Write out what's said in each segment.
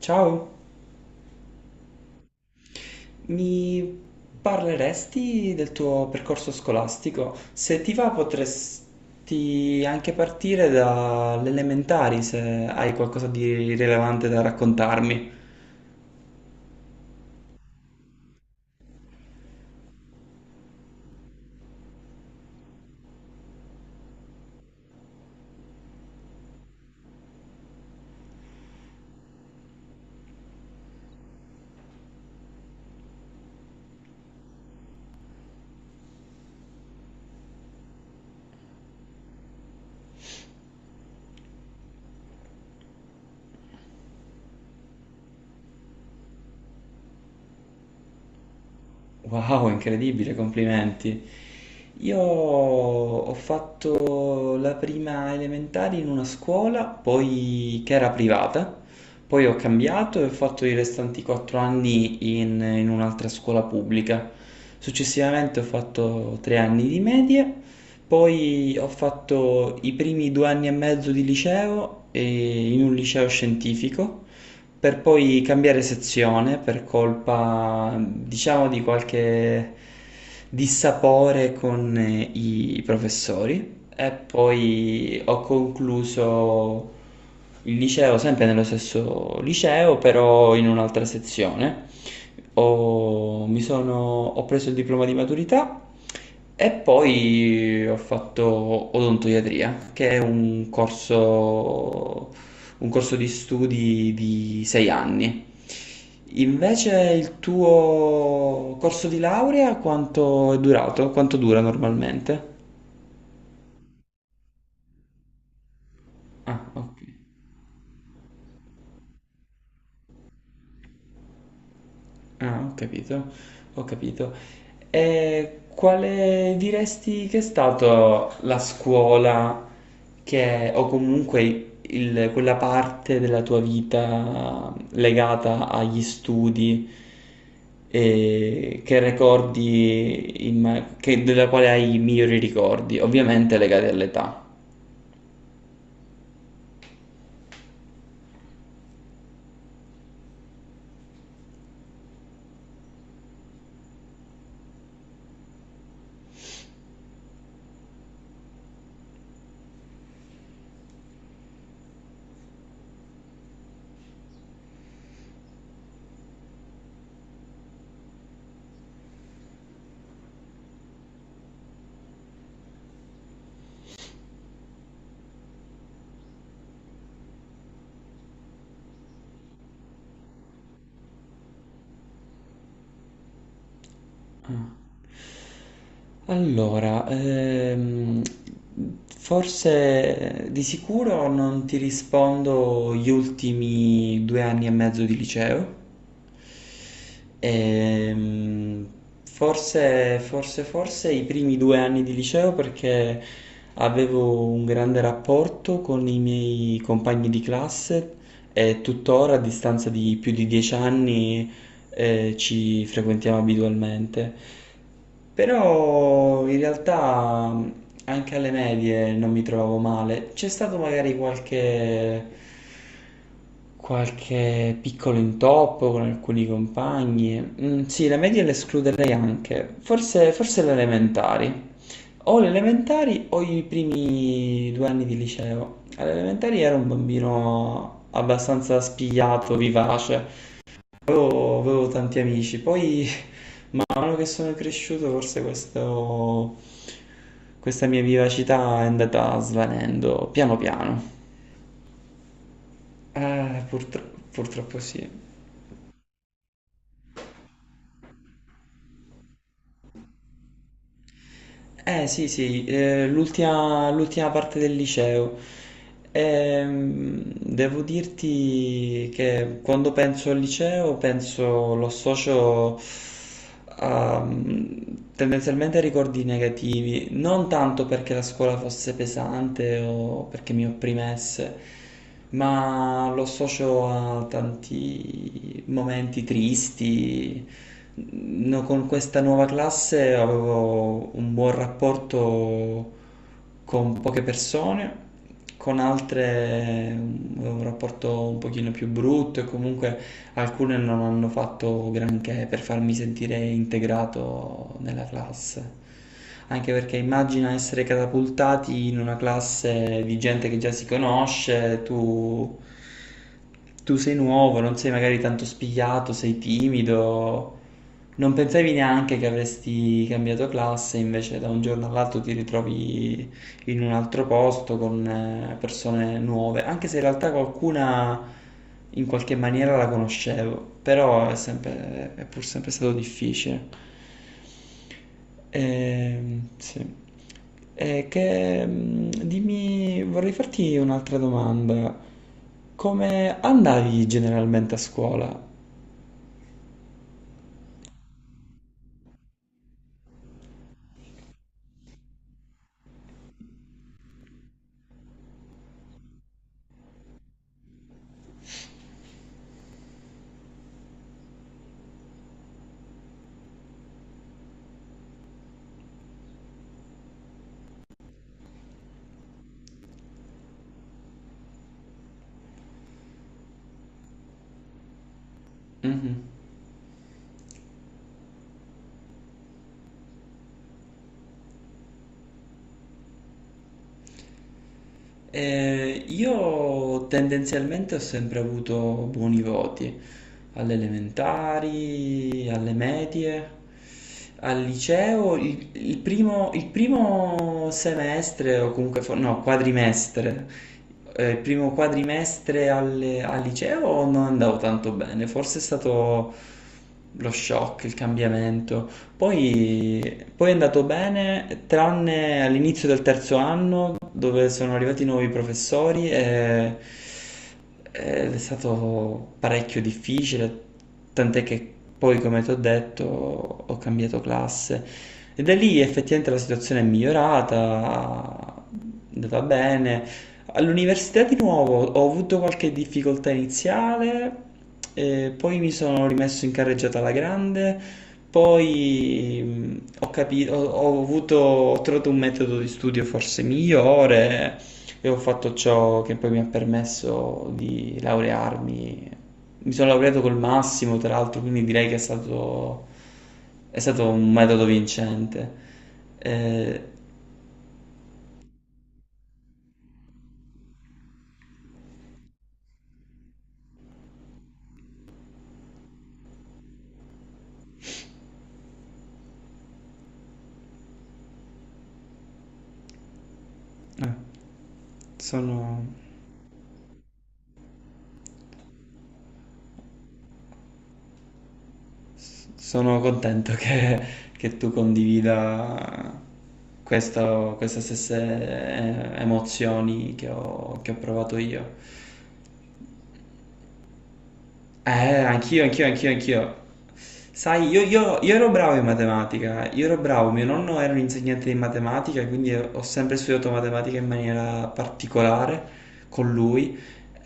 Ciao, mi parleresti del tuo percorso scolastico? Se ti va, potresti anche partire dalle elementari se hai qualcosa di rilevante da raccontarmi. Wow, incredibile, complimenti. Io ho fatto la prima elementare in una scuola, poi che era privata, poi ho cambiato e ho fatto i restanti quattro anni in un'altra scuola pubblica. Successivamente ho fatto tre anni di medie, poi ho fatto i primi due anni e mezzo di liceo e in un liceo scientifico, per poi cambiare sezione per colpa, diciamo, di qualche dissapore con i professori. E poi ho concluso il liceo sempre nello stesso liceo, però in un'altra sezione. Ho, mi sono- Ho preso il diploma di maturità e poi ho fatto odontoiatria, che è un corso di studi di sei anni. Invece il tuo corso di laurea quanto è durato? Quanto dura normalmente? Ah, ok. Ah, ho capito, ho capito. E quale diresti che è stata la scuola che, o comunque quella parte della tua vita legata agli studi e che ricordi, della quale hai i migliori ricordi, ovviamente legati all'età. Ah. Allora, forse di sicuro non ti rispondo gli ultimi due anni e mezzo di liceo. Ehm, forse i primi due anni di liceo perché avevo un grande rapporto con i miei compagni di classe e tuttora a distanza di più di dieci anni ci frequentiamo abitualmente. Però in realtà anche alle medie non mi trovavo male. C'è stato magari qualche, qualche piccolo intoppo con alcuni compagni. Mm, sì, le medie le escluderei anche. Forse le elementari. O le elementari o i primi due anni di liceo. Alle elementari ero un bambino abbastanza spigliato, vivace. Avevo tanti amici, poi man mano che sono cresciuto forse questa mia vivacità è andata svanendo piano piano. Purtroppo sì. Eh sì sì, l'ultima parte del liceo. Devo dirti che quando penso al liceo lo associo tendenzialmente ricordi negativi, non tanto perché la scuola fosse pesante o perché mi opprimesse, ma lo associo a tanti momenti tristi. No, con questa nuova classe avevo un buon rapporto con poche persone, con altre un rapporto un pochino più brutto e comunque alcune non hanno fatto granché per farmi sentire integrato nella classe. Anche perché immagina essere catapultati in una classe di gente che già si conosce: tu, tu sei nuovo, non sei magari tanto spigliato, sei timido, non pensavi neanche che avresti cambiato classe, invece da un giorno all'altro ti ritrovi in un altro posto con persone nuove, anche se in realtà qualcuna in qualche maniera la conoscevo, però è sempre, è pur sempre stato difficile. Sì. Che, dimmi, vorrei farti un'altra domanda. Come andavi generalmente a scuola? Mhm. Io tendenzialmente ho sempre avuto buoni voti alle elementari, alle medie, al liceo. Il primo semestre, o comunque, fo- no, quadrimestre, il primo quadrimestre al liceo non andavo tanto bene, forse è stato lo shock, il cambiamento. Poi è andato bene, tranne all'inizio del terzo anno dove sono arrivati nuovi professori ed è stato parecchio difficile, tant'è che poi, come ti ho detto, ho cambiato classe. E da lì effettivamente la situazione è migliorata, è andata bene. All'università di nuovo ho avuto qualche difficoltà iniziale, poi mi sono rimesso in carreggiata alla grande, poi ho trovato un metodo di studio forse migliore e ho fatto ciò che poi mi ha permesso di laurearmi. Mi sono laureato col massimo, tra l'altro, quindi direi che è stato un metodo vincente. Eh, eh, sono... Sono contento che tu condivida queste stesse emozioni che che ho provato io. Eh, anch'io. Sai, io ero bravo in matematica, io ero bravo, mio nonno era un insegnante di matematica, quindi ho sempre studiato matematica in maniera particolare con lui.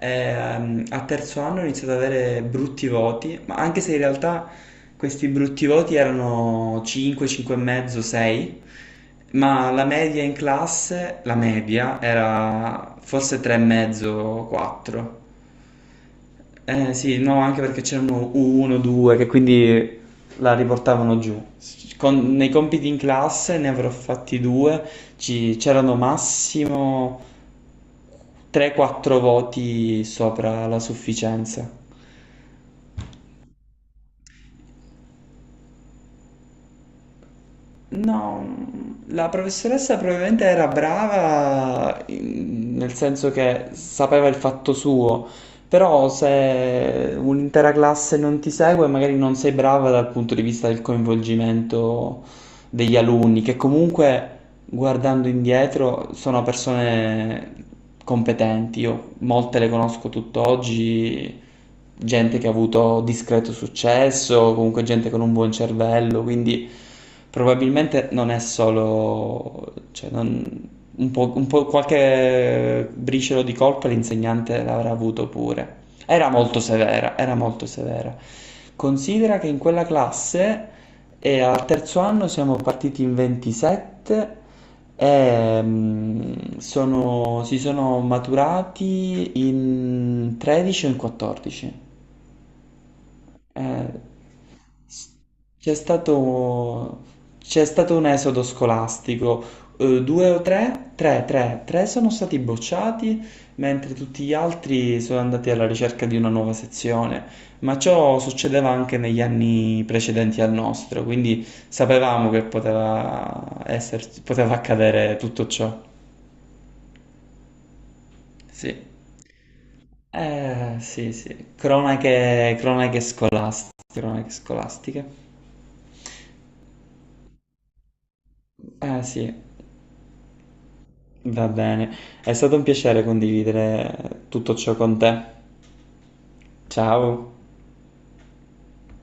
A terzo anno ho iniziato ad avere brutti voti, ma anche se in realtà questi brutti voti erano 5, 5,5, 6, ma la media in classe, la media, era forse 3,5, 4. Eh sì, no, anche perché c'erano uno, due, che quindi la riportavano giù. Nei compiti in classe ne avrò fatti due, c'erano massimo 3-4 voti sopra la sufficienza. No, la professoressa probabilmente era brava nel senso che sapeva il fatto suo, però se un'intera classe non ti segue, magari non sei brava dal punto di vista del coinvolgimento degli alunni, che comunque guardando indietro sono persone competenti. Io molte le conosco tutt'oggi, gente che ha avuto discreto successo, comunque gente con un buon cervello, quindi probabilmente non è solo, un po' qualche briciolo di colpa l'insegnante l'avrà avuto pure. Era molto severa, era molto severa. Considera che in quella classe al terzo anno siamo partiti in 27 e si sono maturati in 13 o in 14. Eh, s- c'è stato, c'è stato un esodo scolastico, due o tre, tre, tre, tre sono stati bocciati, mentre tutti gli altri sono andati alla ricerca di una nuova sezione, ma ciò succedeva anche negli anni precedenti al nostro, quindi sapevamo che poteva accadere tutto ciò. Sì. Sì, sì, cronache, cronache scolastiche, cronache scolastiche. Sì. Va bene, è stato un piacere condividere tutto ciò con te. Ciao.